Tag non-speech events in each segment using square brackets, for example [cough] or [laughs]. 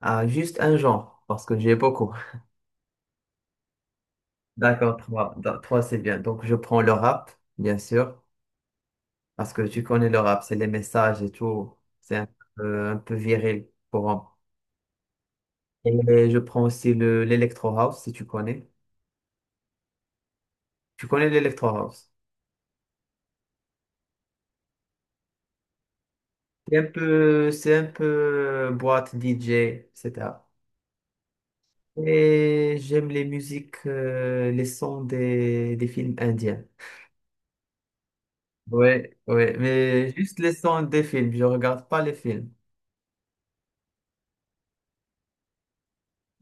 Ah, juste un genre, parce que j'ai beaucoup. D'accord, trois. Trois, c'est bien. Donc, je prends le rap, bien sûr, parce que tu connais le rap, c'est les messages et tout. C'est un peu viril pour un. Et je prends aussi l'électro house, si tu connais. Tu connais l'électro house. C'est un peu boîte DJ, etc. Et cetera. Et j'aime les musiques, les sons des films indiens. Ouais, ouais, mais juste les sons des films, je regarde pas les films.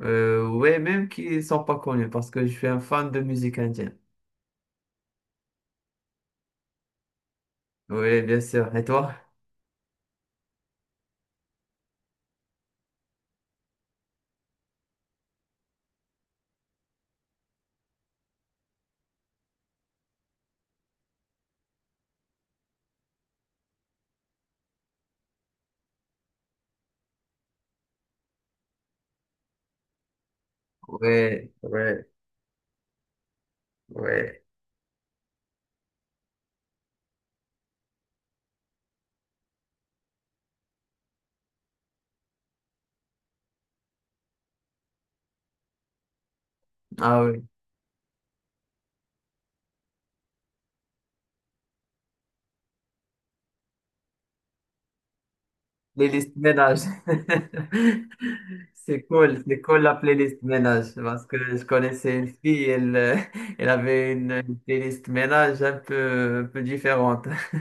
Ouais, même qui sont pas connus parce que je suis un fan de musique indienne. Oui, bien sûr. Et toi? Ouais, ouais, ouais. Ah oui, playlist ménage. [laughs] C'est cool la playlist ménage parce que je connaissais une fille, elle, [laughs] elle avait une playlist ménage un peu différente, [laughs] un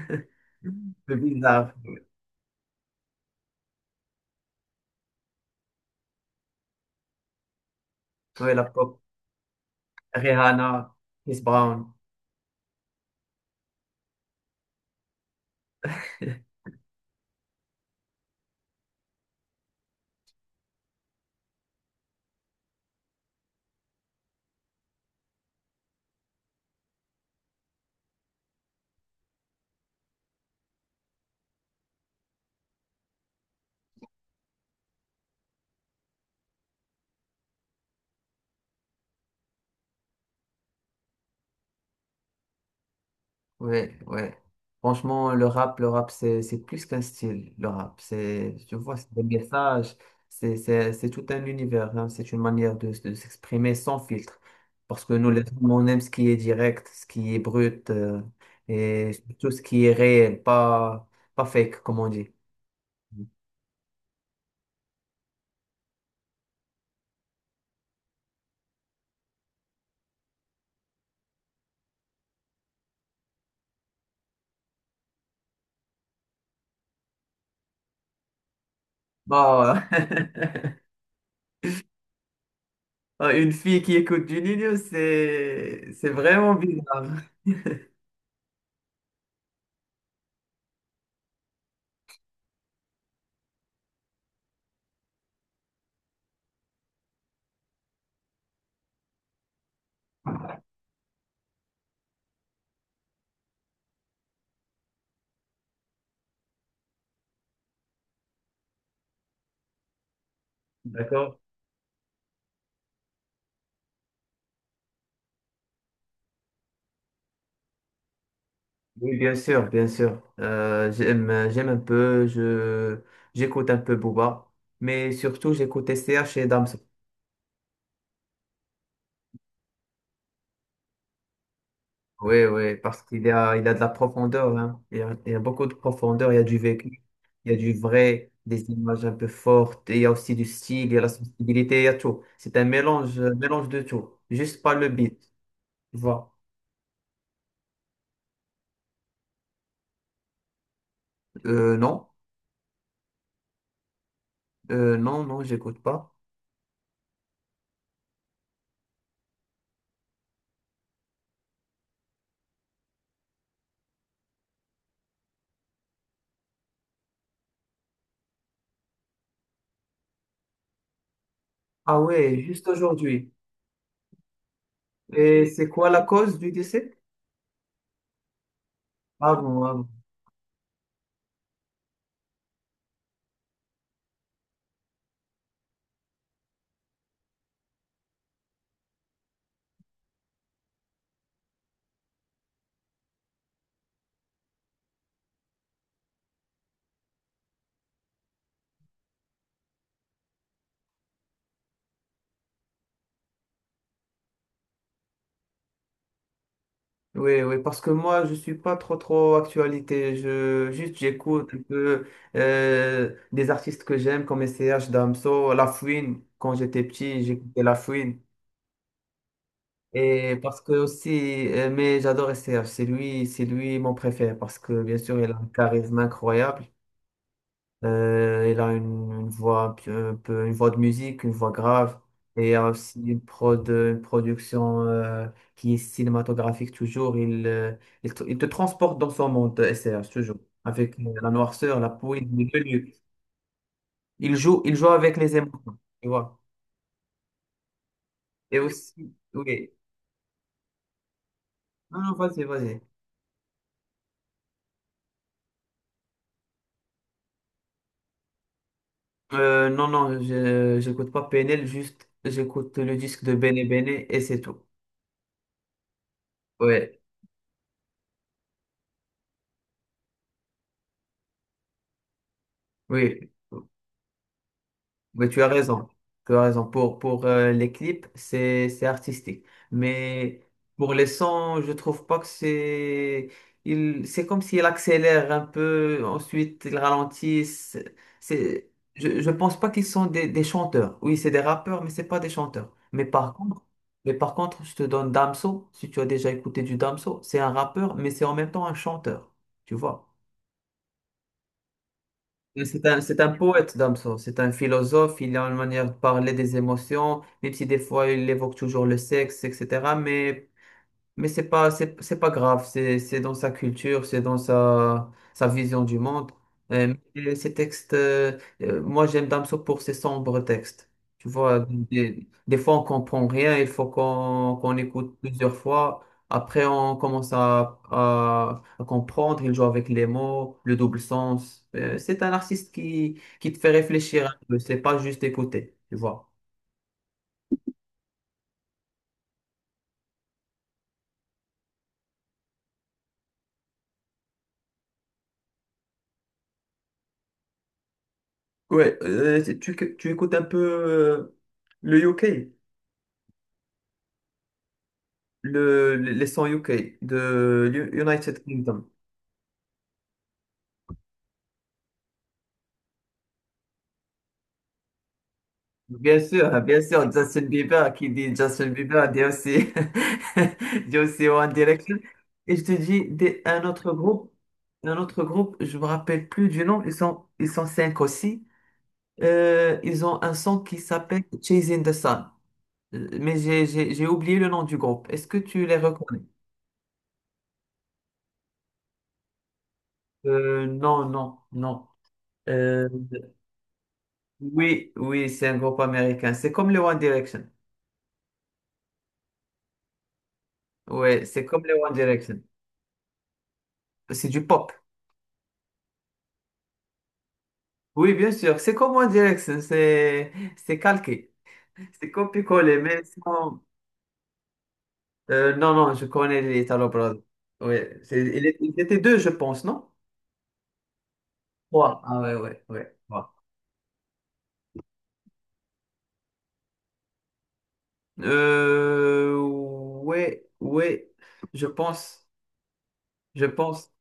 peu bizarre. Ouais, la pop, Rihanna, Chris Brown. Ouais, ouais. Franchement, le rap, c'est plus qu'un style, le rap. C'est, tu vois, c'est des messages, c'est tout un univers, hein. C'est une manière de s'exprimer sans filtre. Parce que nous, les hommes, on aime ce qui est direct, ce qui est brut, et surtout ce qui est réel, pas fake, comme on dit. Bah, [laughs] une fille qui écoute du Nino, c'est vraiment bizarre. D'accord? Oui, bien sûr, bien sûr. J'aime un peu, j'écoute un peu Booba, mais surtout j'écoute S T H et Damso. Oui, oui, parce qu'il a de la profondeur, hein. Il y a beaucoup de profondeur, il y a du vécu, il y a du vrai, des images un peu fortes, et il y a aussi du style, il y a la sensibilité, il y a tout. C'est un mélange de tout, juste pas le beat, tu vois. Non, non, non, j'écoute pas. Ah ouais, juste aujourd'hui. Et c'est quoi la cause du décès? Ah bon, ah bon. Oui, oui, parce que moi, je suis pas trop, trop actualité. Juste, j'écoute un peu des artistes que j'aime, comme S C H, Damso, La Fouine. Quand j'étais petit, j'écoutais La Fouine. Et parce que aussi, mais j'adore S C H. C'est lui mon préféré, parce que bien sûr, il a un charisme incroyable. Il a une voix un peu, une voix de musique, une voix grave. Et il y a aussi une production qui est cinématographique toujours. Il te transporte dans son monde, SRH, toujours. Avec la noirceur, la poésie, les menus. Il joue avec les émotions, tu vois. Et aussi, oui. Non, non, vas-y, vas-y. Non, non, j'écoute pas PNL, juste j'écoute le disque de Bene Bene et c'est tout. Ouais, oui. Oui, tu as raison. Tu as raison. Pour les clips, c'est artistique. Mais pour les sons, je trouve pas que c'est. C'est comme s'il accélère un peu, ensuite il ralentit. Je pense pas qu'ils sont des chanteurs. Oui, c'est des rappeurs, mais c'est pas des chanteurs. Mais par contre, je te donne Damso, si tu as déjà écouté du Damso, c'est un rappeur, mais c'est en même temps un chanteur. Tu vois? Et c'est un poète, Damso. C'est un philosophe. Il a une manière de parler des émotions, même si des fois il évoque toujours le sexe, etc. Mais c'est pas, c'est pas grave, c'est dans sa culture, c'est dans sa vision du monde. Mais ces textes, moi j'aime Damso pour ses sombres textes. Tu vois, des fois on comprend rien, il faut qu'on écoute plusieurs fois. Après on commence à comprendre, il joue avec les mots, le double sens. C'est un artiste qui te fait réfléchir un peu, c'est pas juste écouter, tu vois. Ouais, tu écoutes un peu euh, le UK. Les 100 UK de United Kingdom. Bien sûr, hein, bien sûr, Justin Bieber, qui dit Justin Bieber, dit aussi, [laughs] dit aussi One Direction. Et je te dis, un autre groupe, je me rappelle plus du nom, ils sont cinq aussi. Ils ont un son qui s'appelle Chasing the Sun. Mais j'ai oublié le nom du groupe. Est-ce que tu les reconnais? Non, non, non. Euh, oui, oui, c'est un groupe américain. C'est comme le One Direction. Ouais, c'est comme les One Direction. C'est du pop. Oui, bien sûr. C'est comme One Direction. C'est calqué. C'est copié-collé. Non, non, je connais les Italo Brothers. Oui, ils étaient deux, je pense, non? Trois. Ah ouais, ouais, ouais. Trois. Ouais, ouais. Je pense. Je pense.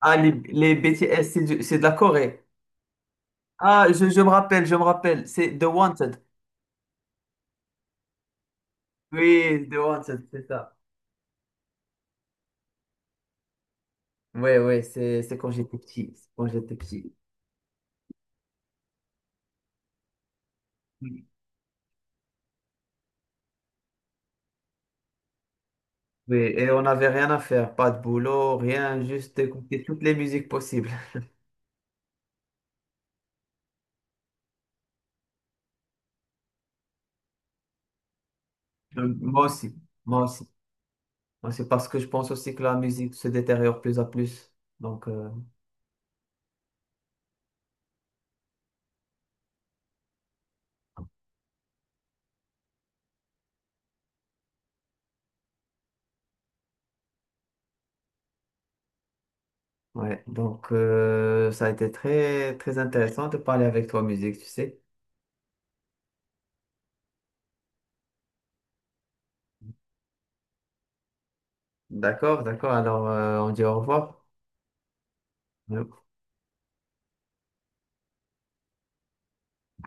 Ah, les BTS, c'est de la Corée. Ah, je me rappelle, je me rappelle. C'est The Wanted. Oui, The Wanted, c'est ça. Ouais, ouais, c'est quand j'étais petit. C'est Quand j'étais petit. Oui, oui, et on n'avait rien à faire. Pas de boulot, rien, juste écouter toutes les musiques possibles. [laughs] Moi aussi. Moi aussi. Moi, c'est parce que je pense aussi que la musique se détériore plus à plus. Donc, ouais. Donc, ça a été très, très intéressant de parler avec toi, musique, tu sais. D'accord, d'accord. Alors, on dit au revoir. Ouais.